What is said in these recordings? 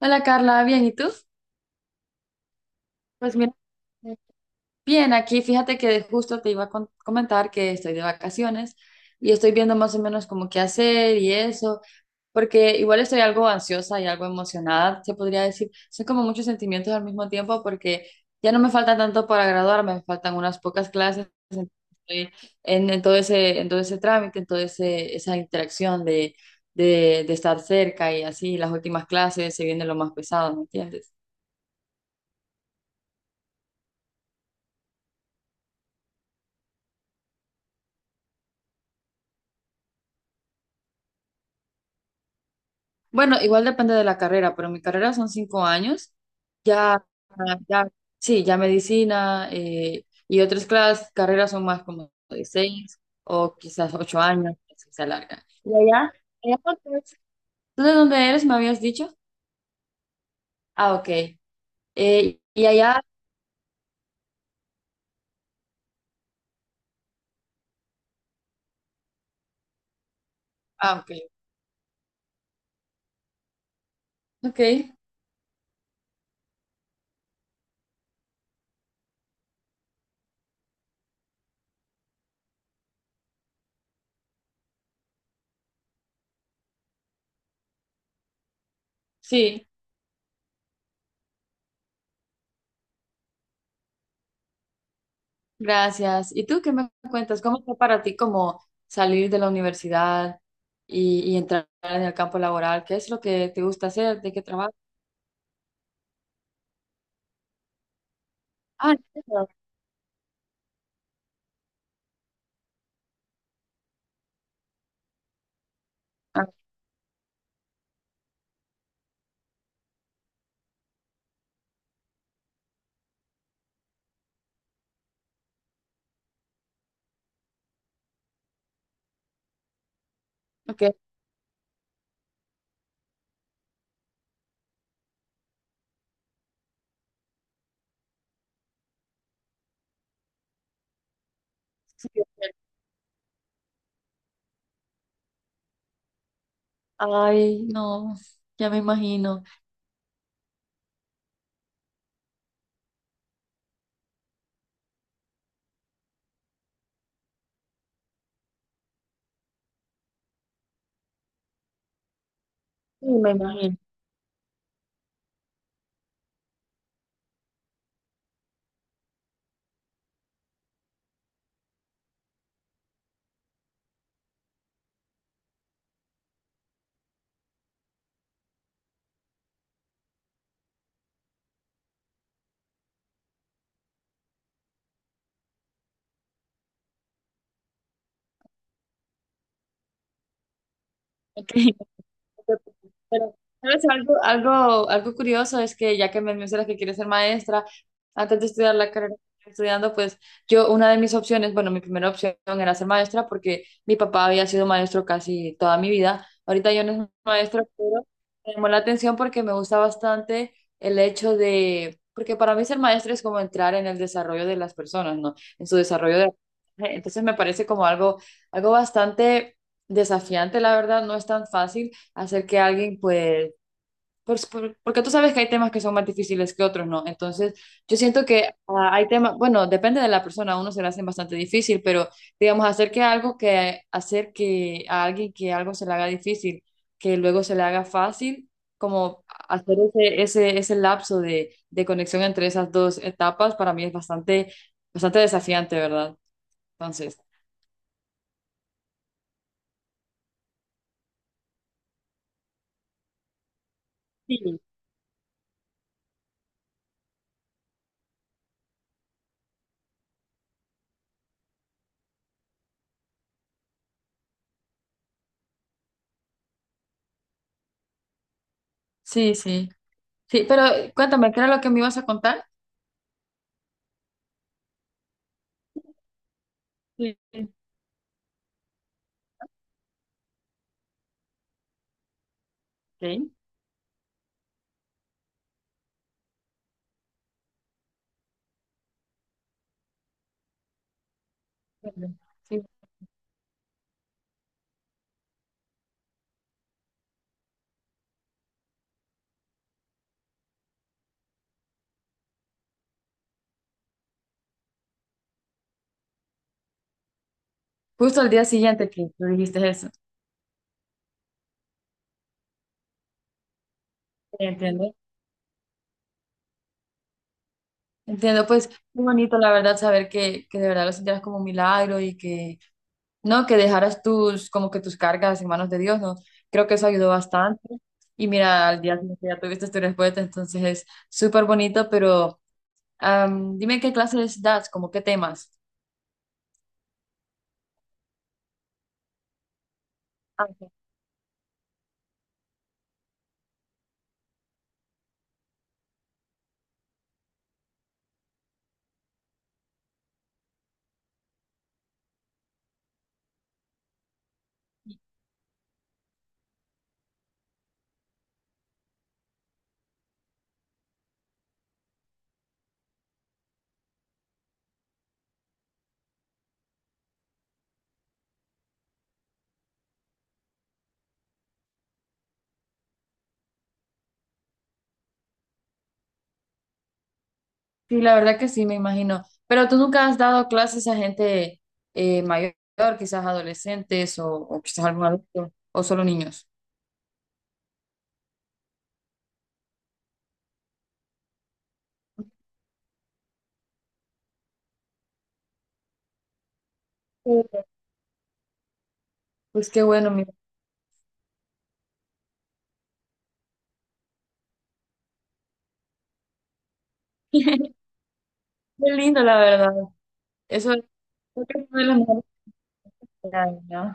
Hola Carla, bien, ¿y tú? Pues mira, bien, aquí fíjate que justo te iba a comentar que estoy de vacaciones y estoy viendo más o menos como qué hacer y eso, porque igual estoy algo ansiosa y algo emocionada, se podría decir. Son como muchos sentimientos al mismo tiempo porque ya no me falta tanto para graduarme, me faltan unas pocas clases, entonces estoy en todo ese, en todo ese trámite, en toda esa interacción de estar cerca y así, las últimas clases se viene lo más pesado, ¿me entiendes? Bueno, igual depende de la carrera, pero mi carrera son cinco años. Ya, ya, sí, ya medicina y otras clases, carreras son más como de seis o quizás ocho años, así se alarga. ¿Y allá? ¿Allá por qué es? ¿Tú de dónde eres? ¿Me habías dicho? Ah, ok. ¿Y allá? Ah, ok. Ok, sí, gracias. ¿Y tú qué me cuentas? ¿Cómo fue para ti como salir de la universidad y entrar en el campo laboral? ¿Qué es lo que te gusta hacer? ¿De qué trabajas? Ah, ¿en serio? Ah, ok. Sí, ok. Ay, no, ya me imagino. Me imagino. Ok. Pero, ¿sabes? Algo curioso es que ya que me mencionas que quieres ser maestra, antes de estudiar la carrera que estoy estudiando, pues yo, una de mis opciones, bueno, mi primera opción era ser maestra porque mi papá había sido maestro casi toda mi vida. Ahorita yo no soy maestra, pero me llamó la atención porque me gusta bastante el hecho de, porque para mí ser maestra es como entrar en el desarrollo de las personas, ¿no? En su desarrollo de... Entonces me parece como algo, algo bastante desafiante, la verdad, no es tan fácil hacer que alguien, pues, pues, porque tú sabes que hay temas que son más difíciles que otros, ¿no? Entonces, yo siento que hay temas, bueno, depende de la persona, a uno se le hace bastante difícil, pero digamos, hacer que algo que, hacer que a alguien que algo se le haga difícil, que luego se le haga fácil, como hacer ese lapso de conexión entre esas dos etapas, para mí es bastante, bastante desafiante, ¿verdad? Entonces, sí, sí, sí, sí, pero cuéntame, ¿qué era lo que me ibas a contar? Sí. Ok. Sí, justo al día siguiente que tú dijiste eso. Sí, entiendo. Entiendo, pues muy bonito la verdad saber que de verdad lo sintieras como un milagro y que no, que dejaras tus, como que tus cargas en manos de Dios, ¿no? Creo que eso ayudó bastante. Y mira, al día siguiente ya tuviste tu respuesta, entonces es súper bonito, pero dime qué clases das, como qué temas. Sí, la verdad que sí, me imagino. Pero tú nunca has dado clases a gente mayor, quizás adolescentes o quizás algún adulto, o solo niños. Sí. Pues qué bueno, mira. Qué lindo, la verdad. Eso es, creo que es una de las mejores actividades, ¿no?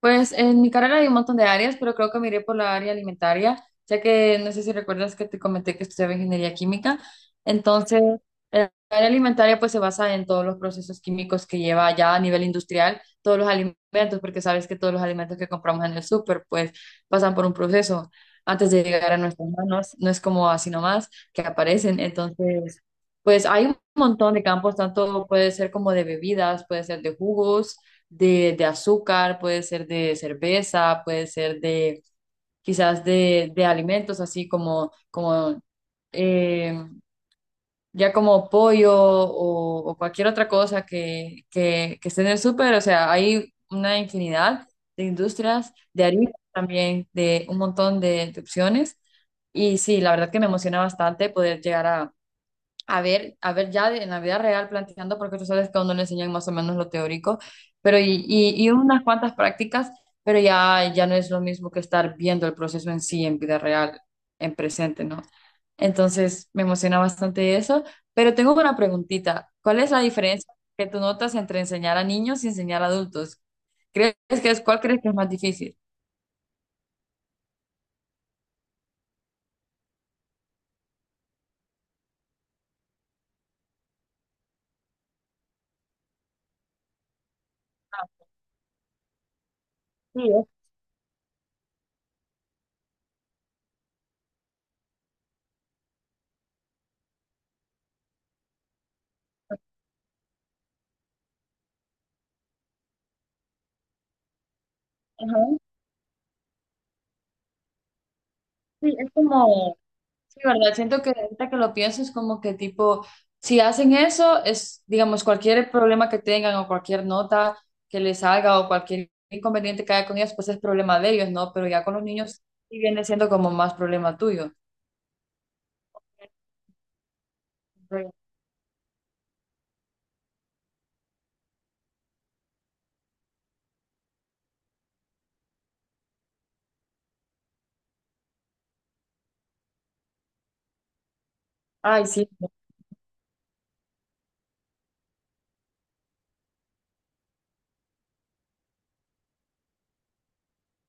Pues en mi carrera hay un montón de áreas, pero creo que me iré por la área alimentaria, ya que no sé si recuerdas que te comenté que estudiaba ingeniería química. Entonces, el área alimentaria pues se basa en todos los procesos químicos que lleva ya a nivel industrial, todos los alimentos, porque sabes que todos los alimentos que compramos en el súper pues pasan por un proceso antes de llegar a nuestras manos, no es como así nomás que aparecen. Entonces, pues hay un montón de campos, tanto puede ser como de bebidas, puede ser de jugos, de azúcar, puede ser de cerveza, puede ser de quizás de alimentos así como, como eh, ya como pollo o cualquier otra cosa que, que esté en el súper. O sea, hay una infinidad de industrias, de harina también, de un montón de opciones. Y sí, la verdad que me emociona bastante poder llegar a ver ya en la vida real planteando, porque tú sabes que a uno le enseñan más o menos lo teórico, pero y unas cuantas prácticas, pero ya, ya no es lo mismo que estar viendo el proceso en sí, en vida real, en presente, ¿no? Entonces me emociona bastante eso, pero tengo una preguntita. ¿Cuál es la diferencia que tú notas entre enseñar a niños y enseñar a adultos? ¿Crees que es, cuál crees que es más difícil? Sí, es, ajá, sí, es como sí, ¿verdad? Siento que ahorita que lo pienso es como que tipo, si hacen eso, es, digamos, cualquier problema que tengan o cualquier nota que les salga o cualquier inconveniente que haya con ellos, pues es problema de ellos, ¿no? Pero ya con los niños sí viene siendo como más problema tuyo. Entonces, ay, sí,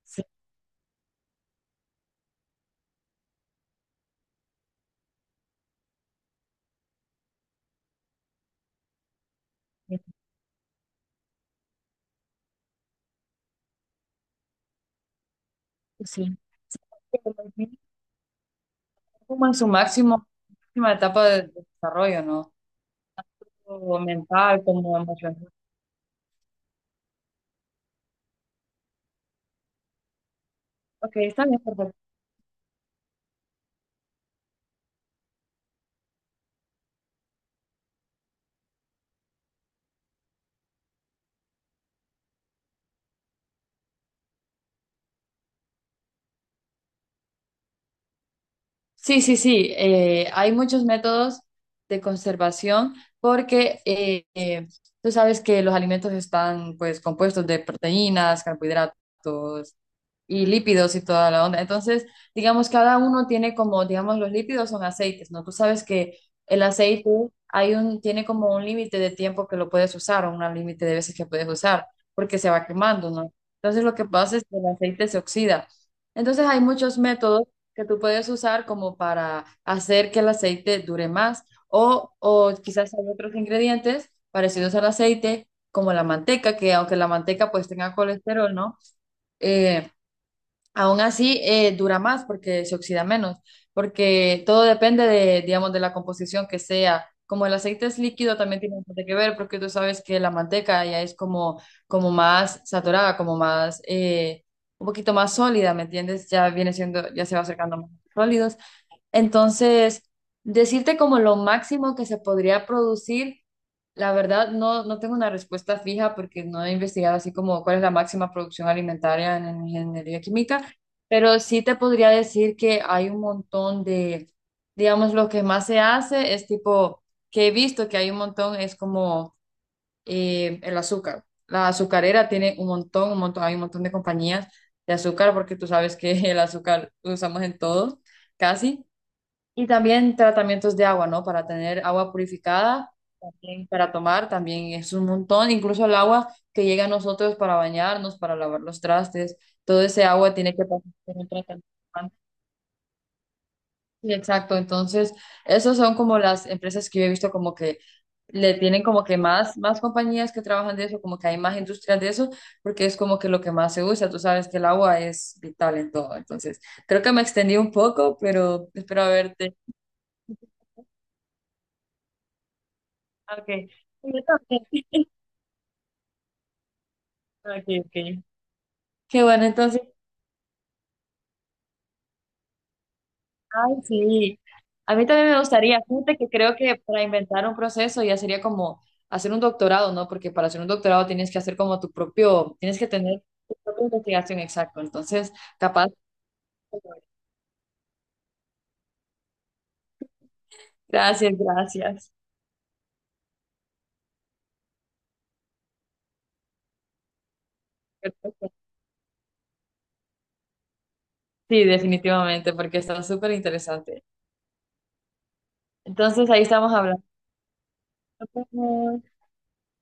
sí, sí. Sí, los niños están como en su máximo, máxima etapa de desarrollo, ¿no? Tanto mental como emocional. Ok, está bien, perfecto. Sí, sí, sí. Hay muchos métodos de conservación porque tú sabes que los alimentos están pues compuestos de proteínas, carbohidratos, y lípidos y toda la onda. Entonces, digamos, cada uno tiene como, digamos, los lípidos son aceites, ¿no? Tú sabes que el aceite hay un, tiene como un límite de tiempo que lo puedes usar o un límite de veces que puedes usar, porque se va quemando, ¿no? Entonces, lo que pasa es que el aceite se oxida. Entonces, hay muchos métodos que tú puedes usar como para hacer que el aceite dure más o quizás hay otros ingredientes parecidos al aceite, como la manteca, que aunque la manteca pues tenga colesterol, ¿no? Eh, Aún así, dura más porque se oxida menos, porque todo depende de, digamos, de la composición que sea. Como el aceite es líquido, también tiene bastante que ver, porque tú sabes que la manteca ya es como, como más saturada, como más, un poquito más sólida, ¿me entiendes? Ya viene siendo, ya se va acercando más sólidos, entonces, decirte como lo máximo que se podría producir, la verdad no, no tengo una respuesta fija porque no he investigado así como cuál es la máxima producción alimentaria en ingeniería química, pero sí te podría decir que hay un montón de, digamos, lo que más se hace es tipo, que he visto que hay un montón, es como el azúcar. La azucarera tiene un montón, hay un montón de compañías de azúcar porque tú sabes que el azúcar lo usamos en todo, casi. Y también tratamientos de agua, ¿no? Para tener agua purificada, también para tomar, también es un montón. Incluso el agua que llega a nosotros para bañarnos, para lavar los trastes, todo ese agua tiene que pasar por un tratamiento antes. Sí, exacto. Entonces, esos son como las empresas que yo he visto como que le tienen como que más, más compañías que trabajan de eso, como que hay más industrias de eso, porque es como que lo que más se usa. Tú sabes que el agua es vital en todo. Entonces, creo que me extendí un poco, pero espero haberte. Okay. Y yo también. Okay, okay. Qué bueno, entonces, ay, sí. A mí también me gustaría, fíjate que creo que para inventar un proceso ya sería como hacer un doctorado, ¿no? Porque para hacer un doctorado tienes que hacer como tu propio, tienes que tener tu propia investigación, exacto. Entonces, capaz. Gracias, gracias. Perfecto. Sí, definitivamente, porque está súper interesante. Entonces, ahí estamos hablando.